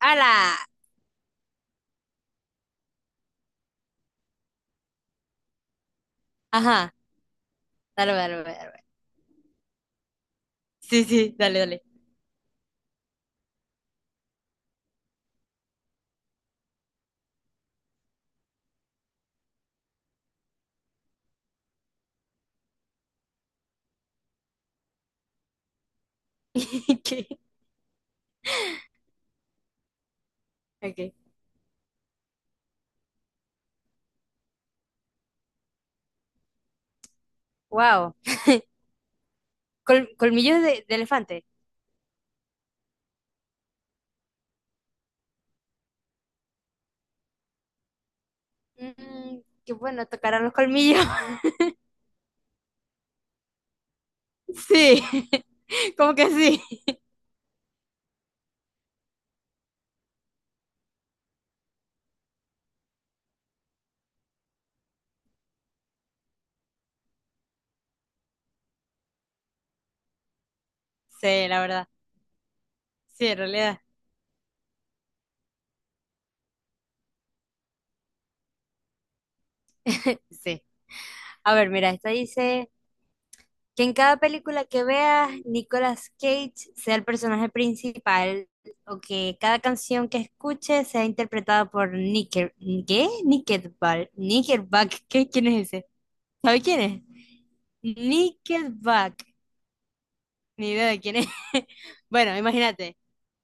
¡Hala! Ajá, dale, dale, dale. Dale. Sí, sí, dale, dale. ¿Qué? Okay. Wow. Colmillos de, elefante. Mm, qué bueno, tocarán los colmillos. Sí, como que sí. Sí, la verdad. Sí, en realidad. Sí. A ver, mira, esta dice que en cada película que veas, Nicolas Cage sea el personaje principal o que cada canción que escuches sea interpretada por ¿qué? Nickelback. Nickelback, ¿qué? ¿Quién es ese? ¿Sabe quién es? Nickelback, ni idea de quién es. Bueno, imagínate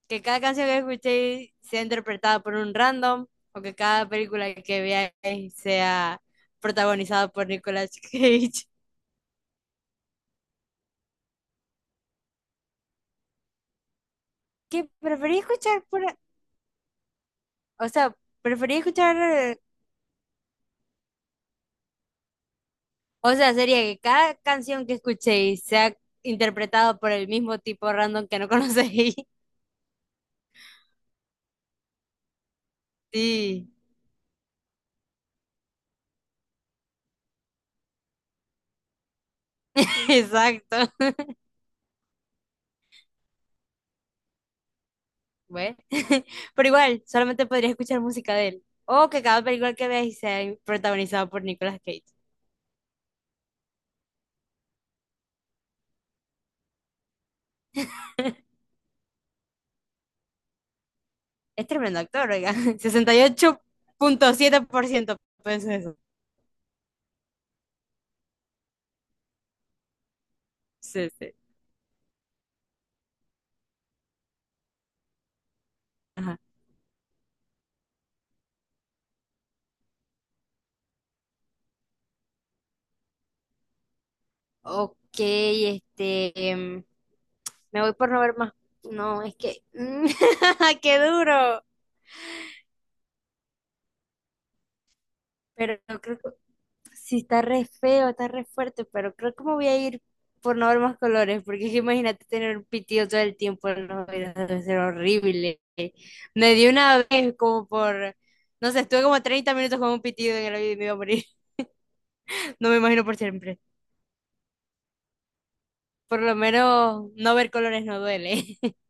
que cada canción que escuchéis sea interpretada por un random o que cada película que veáis sea protagonizada por Nicolas Cage. Que preferí escuchar por, o sea, preferí escuchar, o sea, sería que cada canción que escuchéis sea interpretada por el mismo tipo random que no conocéis. Sí, exacto. Bueno, pero igual, solamente podría escuchar música de él. O que cada película que veáis sea protagonizada por Nicolas Cage. Es tremendo actor, oiga. 68.7%, piensa eso. Sí, sí. Ajá. Ok, este. Me voy por no ver más. No, es que. ¡Qué duro! Pero creo Sí, está re feo, está re fuerte, pero creo que me voy a ir por no ver más colores, porque es que imagínate tener un pitido todo el tiempo en los oídos, debe ser horrible. Me dio una vez como por, no sé, estuve como 30 minutos con un pitido en el oído y me iba a morir. No me imagino por siempre. Por lo menos no ver colores no duele.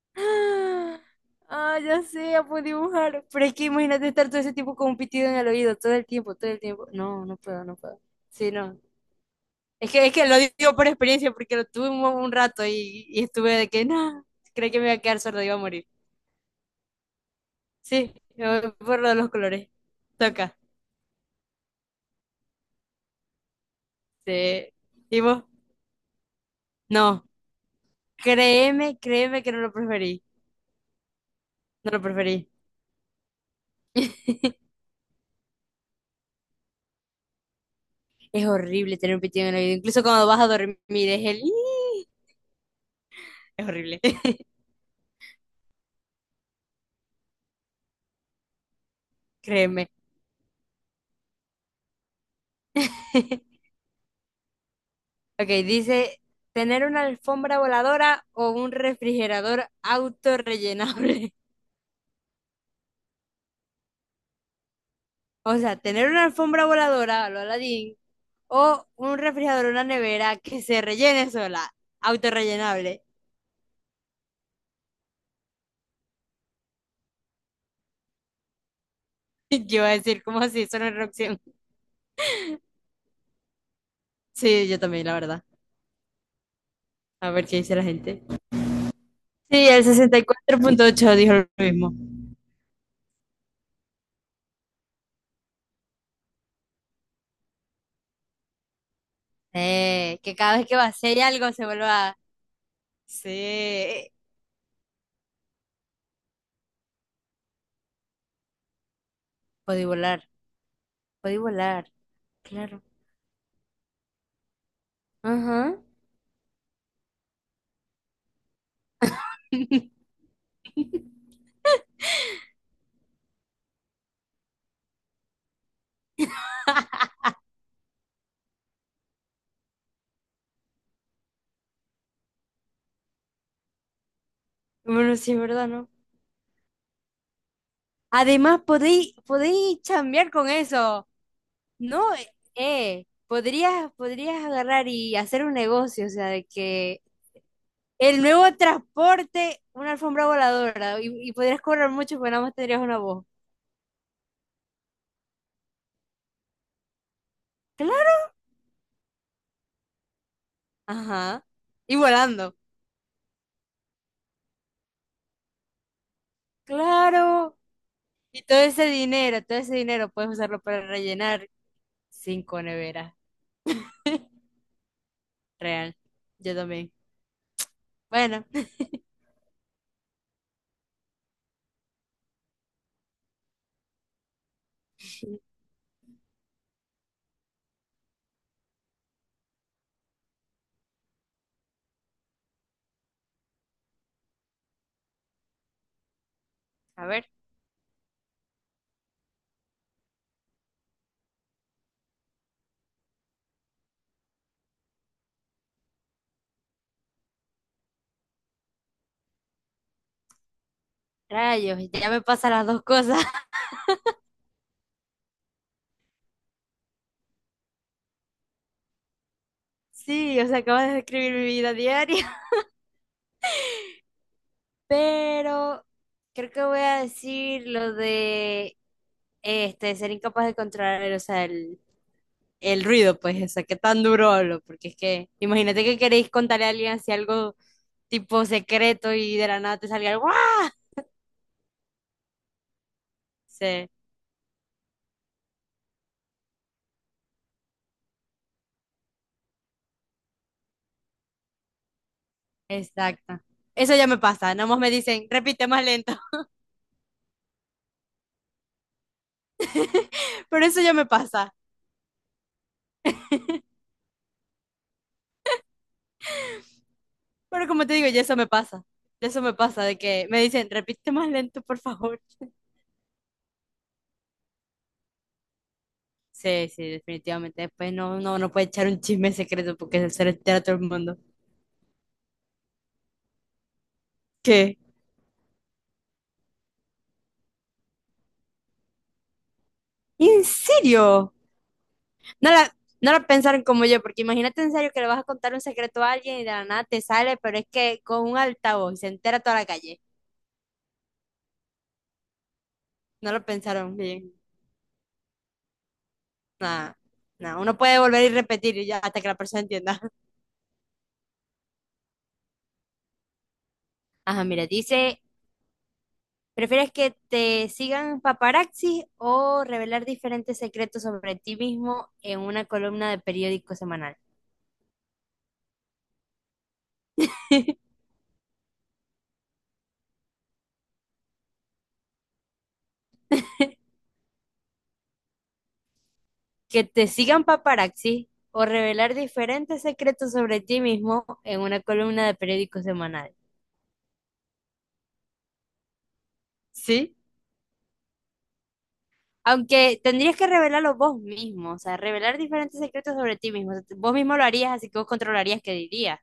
Ah, ah, ya sé, ya puedo dibujar. Pero es que imagínate estar todo ese tiempo con un pitido en el oído, todo el tiempo, todo el tiempo. No, no puedo, no puedo. Sí, no. Es que lo digo por experiencia, porque lo tuve un rato y estuve de que, no, creo que me iba a quedar sordo, iba a morir. Sí, me por lo de los colores. Toca. Sí. ¿Y vos? No, créeme, créeme que no lo preferí. No lo preferí. Es horrible tener un pitido en el oído. Incluso cuando vas a dormir, es el... "Ih". Es horrible. Créeme. Ok, dice, tener una alfombra voladora o un refrigerador autorrellenable. O sea, tener una alfombra voladora a lo Aladdin o un refrigerador, una nevera que se rellene sola, autorrellenable. Yo iba a decir, ¿cómo así? Eso no es una opción. Sí, yo también, la verdad. A ver qué dice la gente. Sí, el 64.8 dijo lo mismo. Que cada vez que vacíe algo se vuelva. Sí. Podí volar. Podí volar. Claro. Ajá. Bueno, sí, es verdad, ¿no? Además, podéis, podéis chambear con eso. No, podrías, podrías agarrar y hacer un negocio, o sea, de que el nuevo transporte, una alfombra voladora, y podrías cobrar mucho, pero nada más tendrías una voz. Claro. Ajá. Y volando. Claro. Y todo ese dinero puedes usarlo para rellenar cinco neveras. Real. Yo también. Bueno, a ver. Rayos, ya me pasan las dos cosas. Sí, o sea, acabas de describir mi vida diaria. Pero creo que voy a decir lo de este, ser incapaz de controlar, o sea, el ruido, pues, o sea, qué tan duro hablo, porque es que imagínate que queréis contarle a alguien así algo tipo secreto y de la nada te salga algo, ¡guau! Sí, exacto. Eso ya me pasa, nomás me dicen, repite más lento, pero eso ya me pasa. Pero como te digo, ya eso me pasa. Ya eso me pasa, de que me dicen, repite más lento, por favor. Sí, sí, definitivamente. Después no, no puede echar un chisme secreto porque se lo entera todo el mundo. ¿Qué? ¿En serio? No la, no la pensaron como yo, porque imagínate en serio que le vas a contar un secreto a alguien y de la nada te sale, pero es que con un altavoz y se entera toda la calle. No lo pensaron bien. Nada, nada. Uno puede volver y repetir y ya hasta que la persona entienda. Ajá, mira, dice, ¿prefieres que te sigan paparazzi o revelar diferentes secretos sobre ti mismo en una columna de periódico semanal? Que te sigan paparazzi o revelar diferentes secretos sobre ti mismo en una columna de periódico semanal. ¿Sí? Aunque tendrías que revelarlo vos mismo, o sea, revelar diferentes secretos sobre ti mismo. O sea, vos mismo lo harías, así que vos controlarías qué dirías.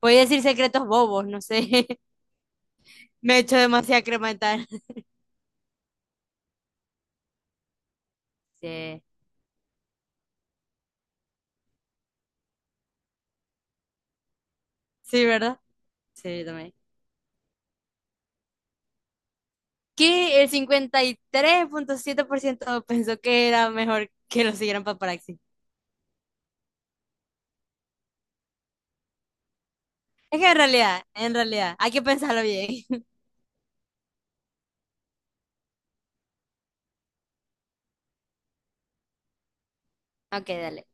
Voy a decir secretos bobos, no sé. Me he hecho demasiada crema dental. Sí, sí, ¿verdad? Sí, yo también. Que el 53.7% pensó que era mejor que lo siguieran paparazzi. Es que en realidad, hay que pensarlo bien. Ok, dale.